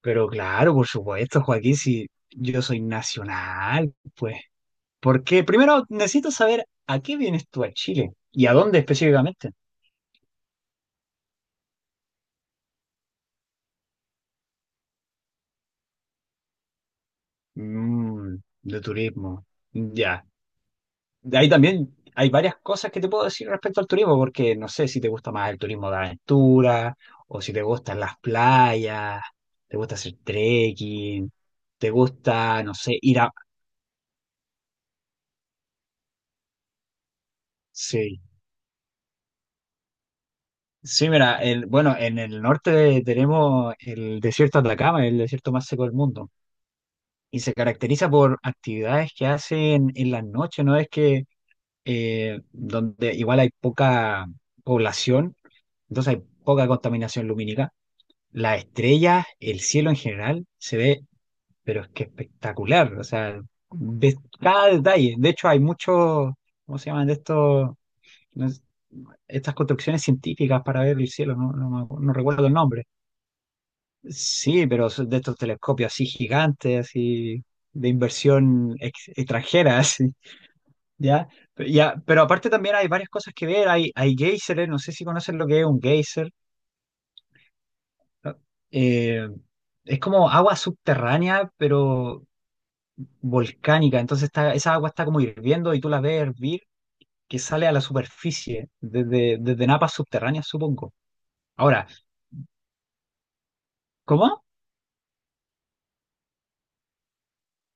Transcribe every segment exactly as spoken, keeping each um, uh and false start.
Pero claro, por supuesto, Joaquín, si yo soy nacional, pues. Porque primero necesito saber a qué vienes tú a Chile y a dónde específicamente. Mm, de turismo. Ya. De ahí también hay varias cosas que te puedo decir respecto al turismo, porque no sé si te gusta más el turismo de aventura o si te gustan las playas, te gusta hacer trekking, te gusta, no sé, ir a. Sí. Sí, mira, el, bueno, en el norte tenemos el desierto de Atacama, el desierto más seco del mundo, y se caracteriza por actividades que hacen en las noches, ¿no? Es que eh, donde igual hay poca población, entonces hay poca contaminación lumínica. Las estrellas, el cielo en general, se ve, pero es que espectacular, o sea, ves cada detalle. De hecho, hay muchos, ¿cómo se llaman de estos? No es- Estas construcciones científicas para ver el cielo, no, no me acu- no recuerdo el nombre. Sí, pero son de estos telescopios así gigantes, así de inversión ex- extranjera, así, ¿ya? Pero Ya, pero aparte también hay varias cosas que ver, hay, hay géiseres, no sé si conocen lo que es un geyser. eh, es como agua subterránea, pero volcánica, entonces está, esa agua está como hirviendo y tú la ves hervir, que sale a la superficie, desde, desde napas subterráneas, supongo. Ahora, ¿cómo?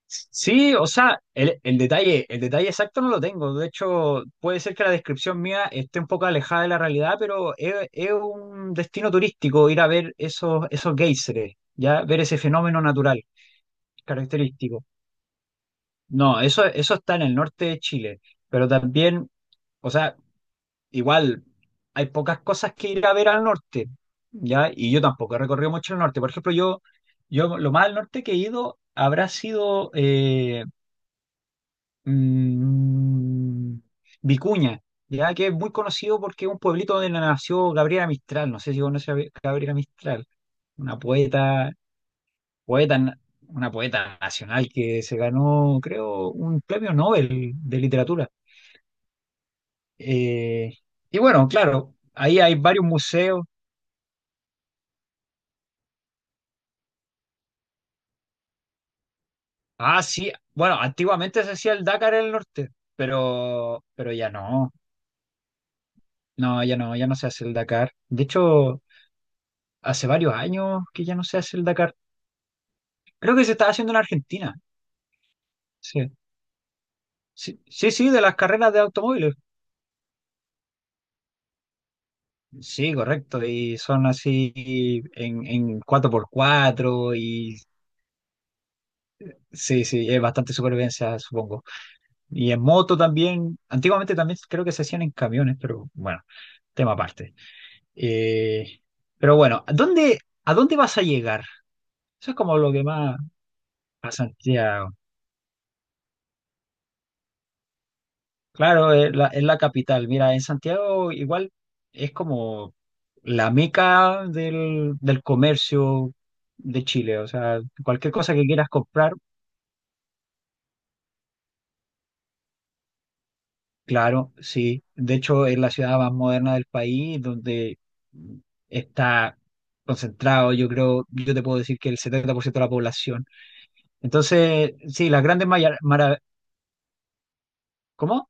Sí, o sea, el, el detalle, el detalle exacto no lo tengo. De hecho, puede ser que la descripción mía esté un poco alejada de la realidad, pero es, es un destino turístico ir a ver esos, esos géiseres, ya ver ese fenómeno natural característico. No, eso, eso está en el norte de Chile, pero también, o sea, igual hay pocas cosas que ir a ver al norte, ya, y yo tampoco he recorrido mucho el norte. Por ejemplo, yo, yo lo más al norte que he ido habrá sido eh, mm, Vicuña, ya que es muy conocido porque es un pueblito donde nació Gabriela Mistral. No sé si conoce a Gabriela Mistral, una poeta, poeta, na- una poeta nacional que se ganó, creo, un premio Nobel de literatura. Eh, y bueno, claro, ahí hay varios museos. Ah, sí, bueno, antiguamente se hacía el Dakar en el norte, pero, pero ya no, no, ya no, ya no se hace el Dakar. De hecho, hace varios años que ya no se hace el Dakar. Creo que se estaba haciendo en Argentina. Sí. Sí, sí, sí, de las carreras de automóviles. Sí, correcto. Y son así en, en cuatro por cuatro y sí, sí, es bastante supervivencia, supongo. Y en moto también. Antiguamente también creo que se hacían en camiones, pero bueno, tema aparte. Eh, pero bueno, ¿a dónde, a dónde vas a llegar? Eso es como lo que más a Santiago. Claro, es la, es la capital. Mira, en Santiago igual es como la meca del, del comercio de Chile. O sea, cualquier cosa que quieras comprar, claro, sí. De hecho, es la ciudad más moderna del país, donde está concentrado, yo creo, yo te puedo decir que el setenta por ciento de la población. Entonces, sí, las grandes maravillas. ¿Cómo?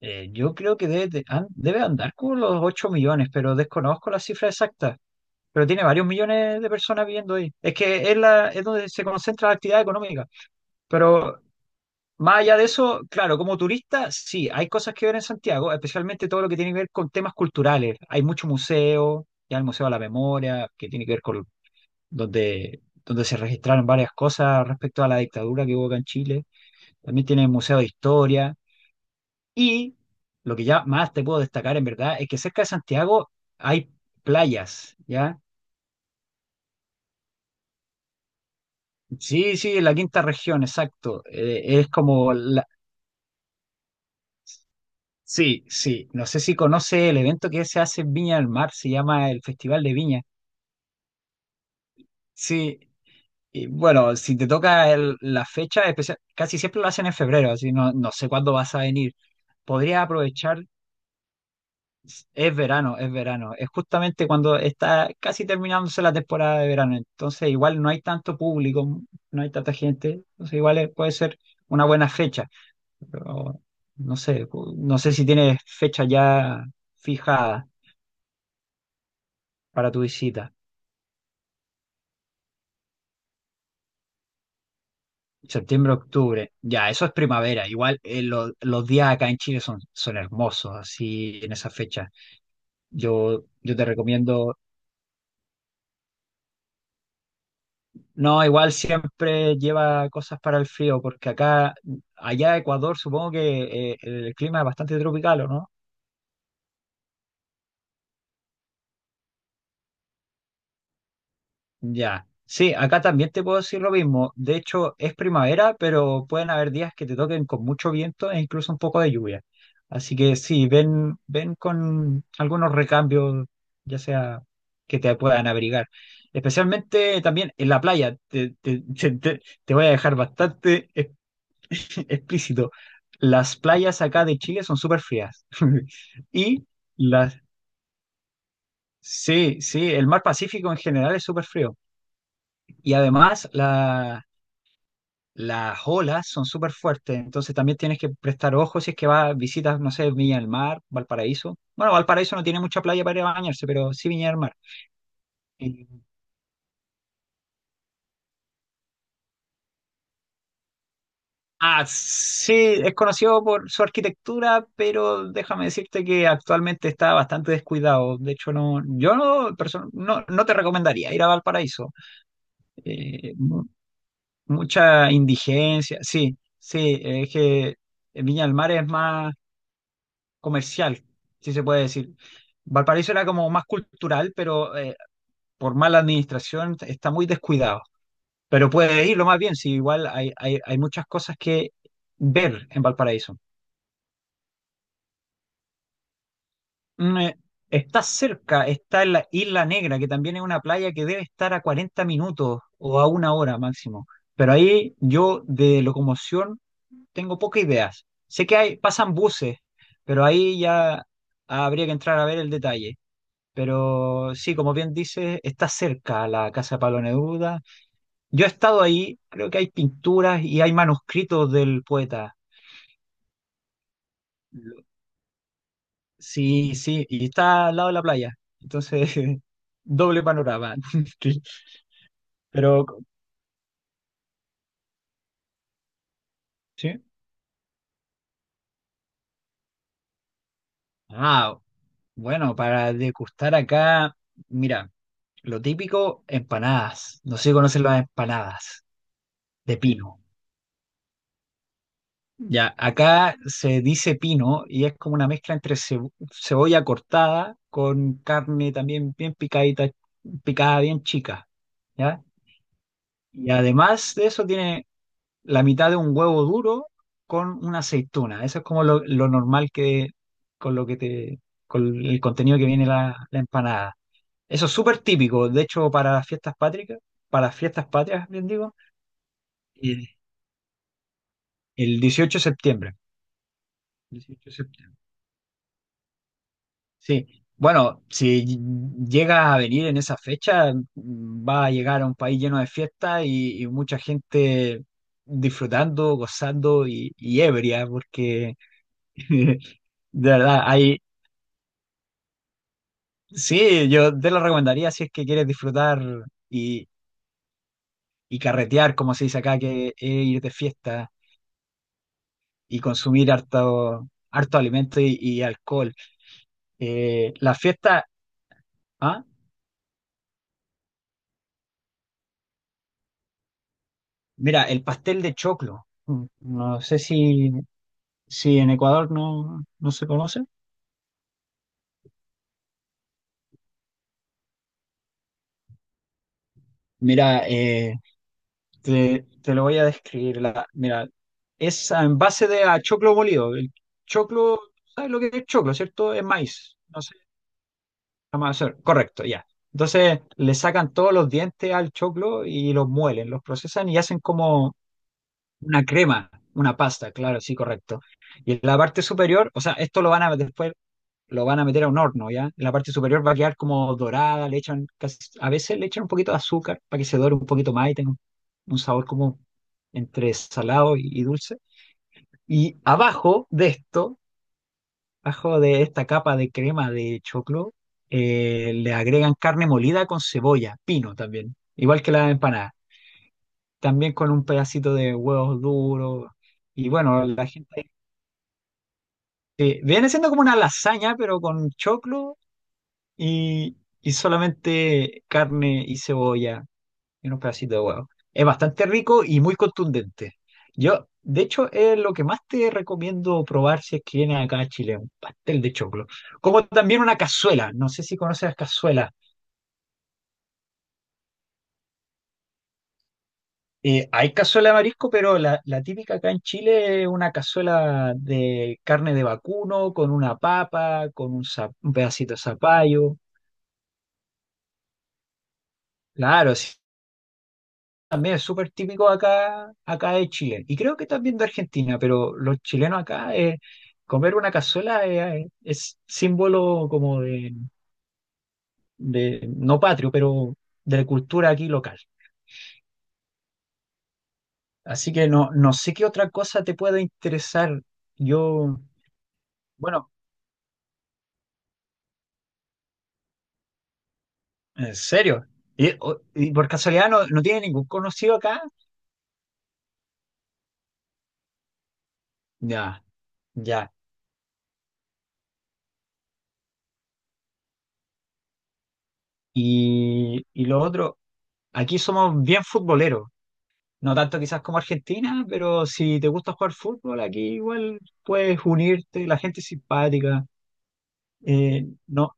Eh, yo creo que debe, de- an- debe andar con los ocho millones, pero desconozco la cifra exacta. Pero tiene varios millones de personas viviendo ahí. Es que es, la, es donde se concentra la actividad económica. Pero más allá de eso, claro, como turista, sí, hay cosas que ver en Santiago, especialmente todo lo que tiene que ver con temas culturales. Hay mucho museo, ya el Museo de la Memoria, que tiene que ver con donde, donde se registraron varias cosas respecto a la dictadura que hubo acá en Chile. También tiene el Museo de Historia. Y lo que ya más te puedo destacar, en verdad, es que cerca de Santiago hay playas, ¿ya? Sí, sí, la quinta región, exacto. Eh, es como la. Sí, sí. No sé si conoce el evento que se hace en Viña del Mar, se llama el Festival de Viña. Sí, y bueno, si te toca el- la fecha especial, casi siempre lo hacen en febrero, así no, no sé cuándo vas a venir. Podría aprovechar, es verano, es verano. Es justamente cuando está casi terminándose la temporada de verano. Entonces igual no hay tanto público, no hay tanta gente. Entonces igual eh, puede ser una buena fecha. Pero no sé, no sé si tienes fecha ya fijada para tu visita. Septiembre, octubre. Ya, eso es primavera. Igual eh, lo- los días acá en Chile son, son hermosos, así en esa fecha. Yo, yo te recomiendo. No, igual siempre lleva cosas para el frío, porque acá, allá en Ecuador, supongo que eh, el clima es bastante tropical, ¿o no? Ya. Sí, acá también te puedo decir lo mismo. De hecho, es primavera, pero pueden haber días que te toquen con mucho viento e incluso un poco de lluvia. Así que sí, ven, ven con algunos recambios, ya sea que te puedan abrigar. Especialmente también en la playa. Te, te- te- te- te voy a dejar bastante ex- explícito. Las playas acá de Chile son súper frías. Y las. Sí, sí, el mar Pacífico en general es súper frío. Y además, la, las olas son súper fuertes, entonces también tienes que prestar ojo si es que vas, visitas, no sé, Viña del Mar, Valparaíso. Bueno, Valparaíso no tiene mucha playa para ir a bañarse, pero sí Viña del Mar. Y- Ah, sí, es conocido por su arquitectura, pero déjame decirte que actualmente está bastante descuidado. De hecho, no, yo no, perso- no, no te recomendaría ir a Valparaíso. Eh, mu- mucha indigencia, sí, sí, es que Viña del Mar es más comercial, si se puede decir. Valparaíso era como más cultural, pero eh, por mala administración está muy descuidado. Pero puede irlo más bien, si igual hay, hay, hay muchas cosas que ver en Valparaíso. Mm, eh, está cerca, está en la Isla Negra, que también es una playa que debe estar a cuarenta minutos o a una hora máximo. Pero ahí yo de locomoción tengo pocas ideas. Sé que hay, pasan buses, pero ahí ya habría que entrar a ver el detalle. Pero sí, como bien dice, está cerca la casa de Pablo Neruda. Yo he estado ahí, creo que hay pinturas y hay manuscritos del poeta. Lo- Sí, sí, y está al lado de la playa. Entonces, doble panorama. Sí, pero, ¿sí? Ah, bueno, para degustar acá, mira, lo típico, empanadas. No sé si conocen las empanadas de pino. Ya, acá se dice pino y es como una mezcla entre cebo- cebolla cortada con carne también bien picadita, picada bien chica, ¿ya? Y además de eso tiene la mitad de un huevo duro con una aceituna. Eso es como lo, lo normal que con lo que te con el contenido que viene la, la empanada. Eso es súper típico, de hecho para las fiestas patrias, para las fiestas patrias, bien digo, eh, el dieciocho de septiembre. dieciocho de septiembre. Sí, bueno, si ll- llega a venir en esa fecha, mm, va a llegar a un país lleno de fiestas y, y mucha gente disfrutando, gozando y, y ebria, porque de verdad, hay, sí, yo te lo recomendaría si es que quieres disfrutar y, y carretear, como se dice acá, que es ir de fiesta y consumir harto, harto alimento y, y alcohol. Eh, la fiesta, ¿ah? Mira, el pastel de choclo. Mm, No sé si. Sí, en Ecuador no, no se conoce. Mira, eh, te, te lo voy a describir. La, mira, es en base de a choclo molido. El choclo, ¿sabes lo que es choclo, cierto? Es maíz. No sé, vamos hacer. Correcto, ya. Entonces le sacan todos los dientes al choclo y los muelen, los procesan y hacen como una crema, una pasta, claro, sí, correcto. Y en la parte superior, o sea, esto lo van a después lo van a meter a un horno, ¿ya? En la parte superior va a quedar como dorada, le echan, casi, a veces le echan un poquito de azúcar para que se dore un poquito más y tenga un, un sabor como entre salado y, y dulce. Y abajo de esto, abajo de esta capa de crema de choclo, eh, le agregan carne molida con cebolla, pino también, igual que la empanada, también con un pedacito de huevos duros. Y bueno, la gente. Eh, viene siendo como una lasaña, pero con choclo y, y solamente carne y cebolla y unos pedacitos de huevo. Es bastante rico y muy contundente. Yo, de hecho, es lo que más te recomiendo probar si es que vienes acá a Chile, un pastel de choclo. Como también una cazuela, no sé si conoces las cazuelas. Eh, hay cazuela de marisco, pero la, la típica acá en Chile es una cazuela de carne de vacuno, con una papa, con un, za- un pedacito de zapallo. Claro, sí, también es súper típico acá, acá de Chile. Y creo que también de Argentina, pero los chilenos acá, eh, comer una cazuela eh, eh, es símbolo como de, de- no patrio, pero de la cultura aquí local. Así que no, no sé qué otra cosa te pueda interesar. Yo, bueno, en serio. ¿Y, o- y por casualidad no, no tiene ningún conocido acá? Ya, ya. Y, y lo otro, aquí somos bien futboleros. No tanto quizás como Argentina, pero si te gusta jugar fútbol, aquí igual puedes unirte, la gente es simpática. Eh, no,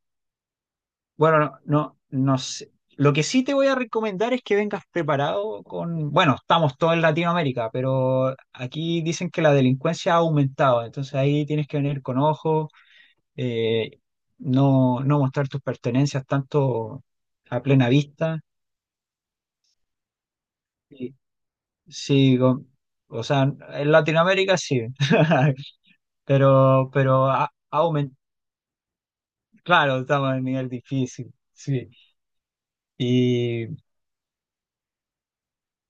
bueno, no, no, no sé. Lo que sí te voy a recomendar es que vengas preparado con, bueno, estamos todos en Latinoamérica, pero aquí dicen que la delincuencia ha aumentado, entonces ahí tienes que venir con ojo, eh, no, no, mostrar tus pertenencias tanto a plena vista. Y, sí, con- o sea, en Latinoamérica sí. Pero, pero ha, aumentado, claro, estamos en el nivel difícil, sí. Y,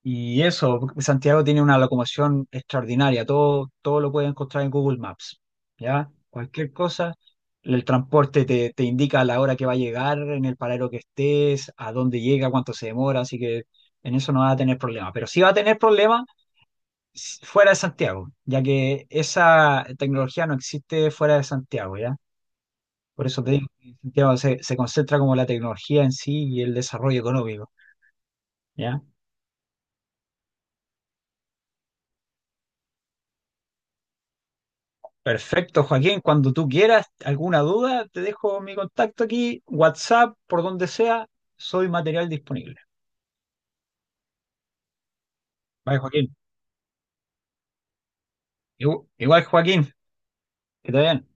y eso, Santiago tiene una locomoción extraordinaria, todo, todo lo puedes encontrar en Google Maps, ¿ya? Cualquier cosa, el transporte te, te indica la hora que va a llegar, en el paradero que estés, a dónde llega, cuánto se demora, así que en eso no va a tener problema. Pero sí va a tener problema s- fuera de Santiago, ya que esa tecnología no existe fuera de Santiago, ¿ya? Por eso te digo que Santiago se, se concentra como la tecnología en sí y el desarrollo económico. ¿Ya? Perfecto, Joaquín. Cuando tú quieras, alguna duda, te dejo mi contacto aquí, WhatsApp, por donde sea, soy material disponible. Vale, Joaquín. Igu- Igual, Joaquín, que te vaya bien.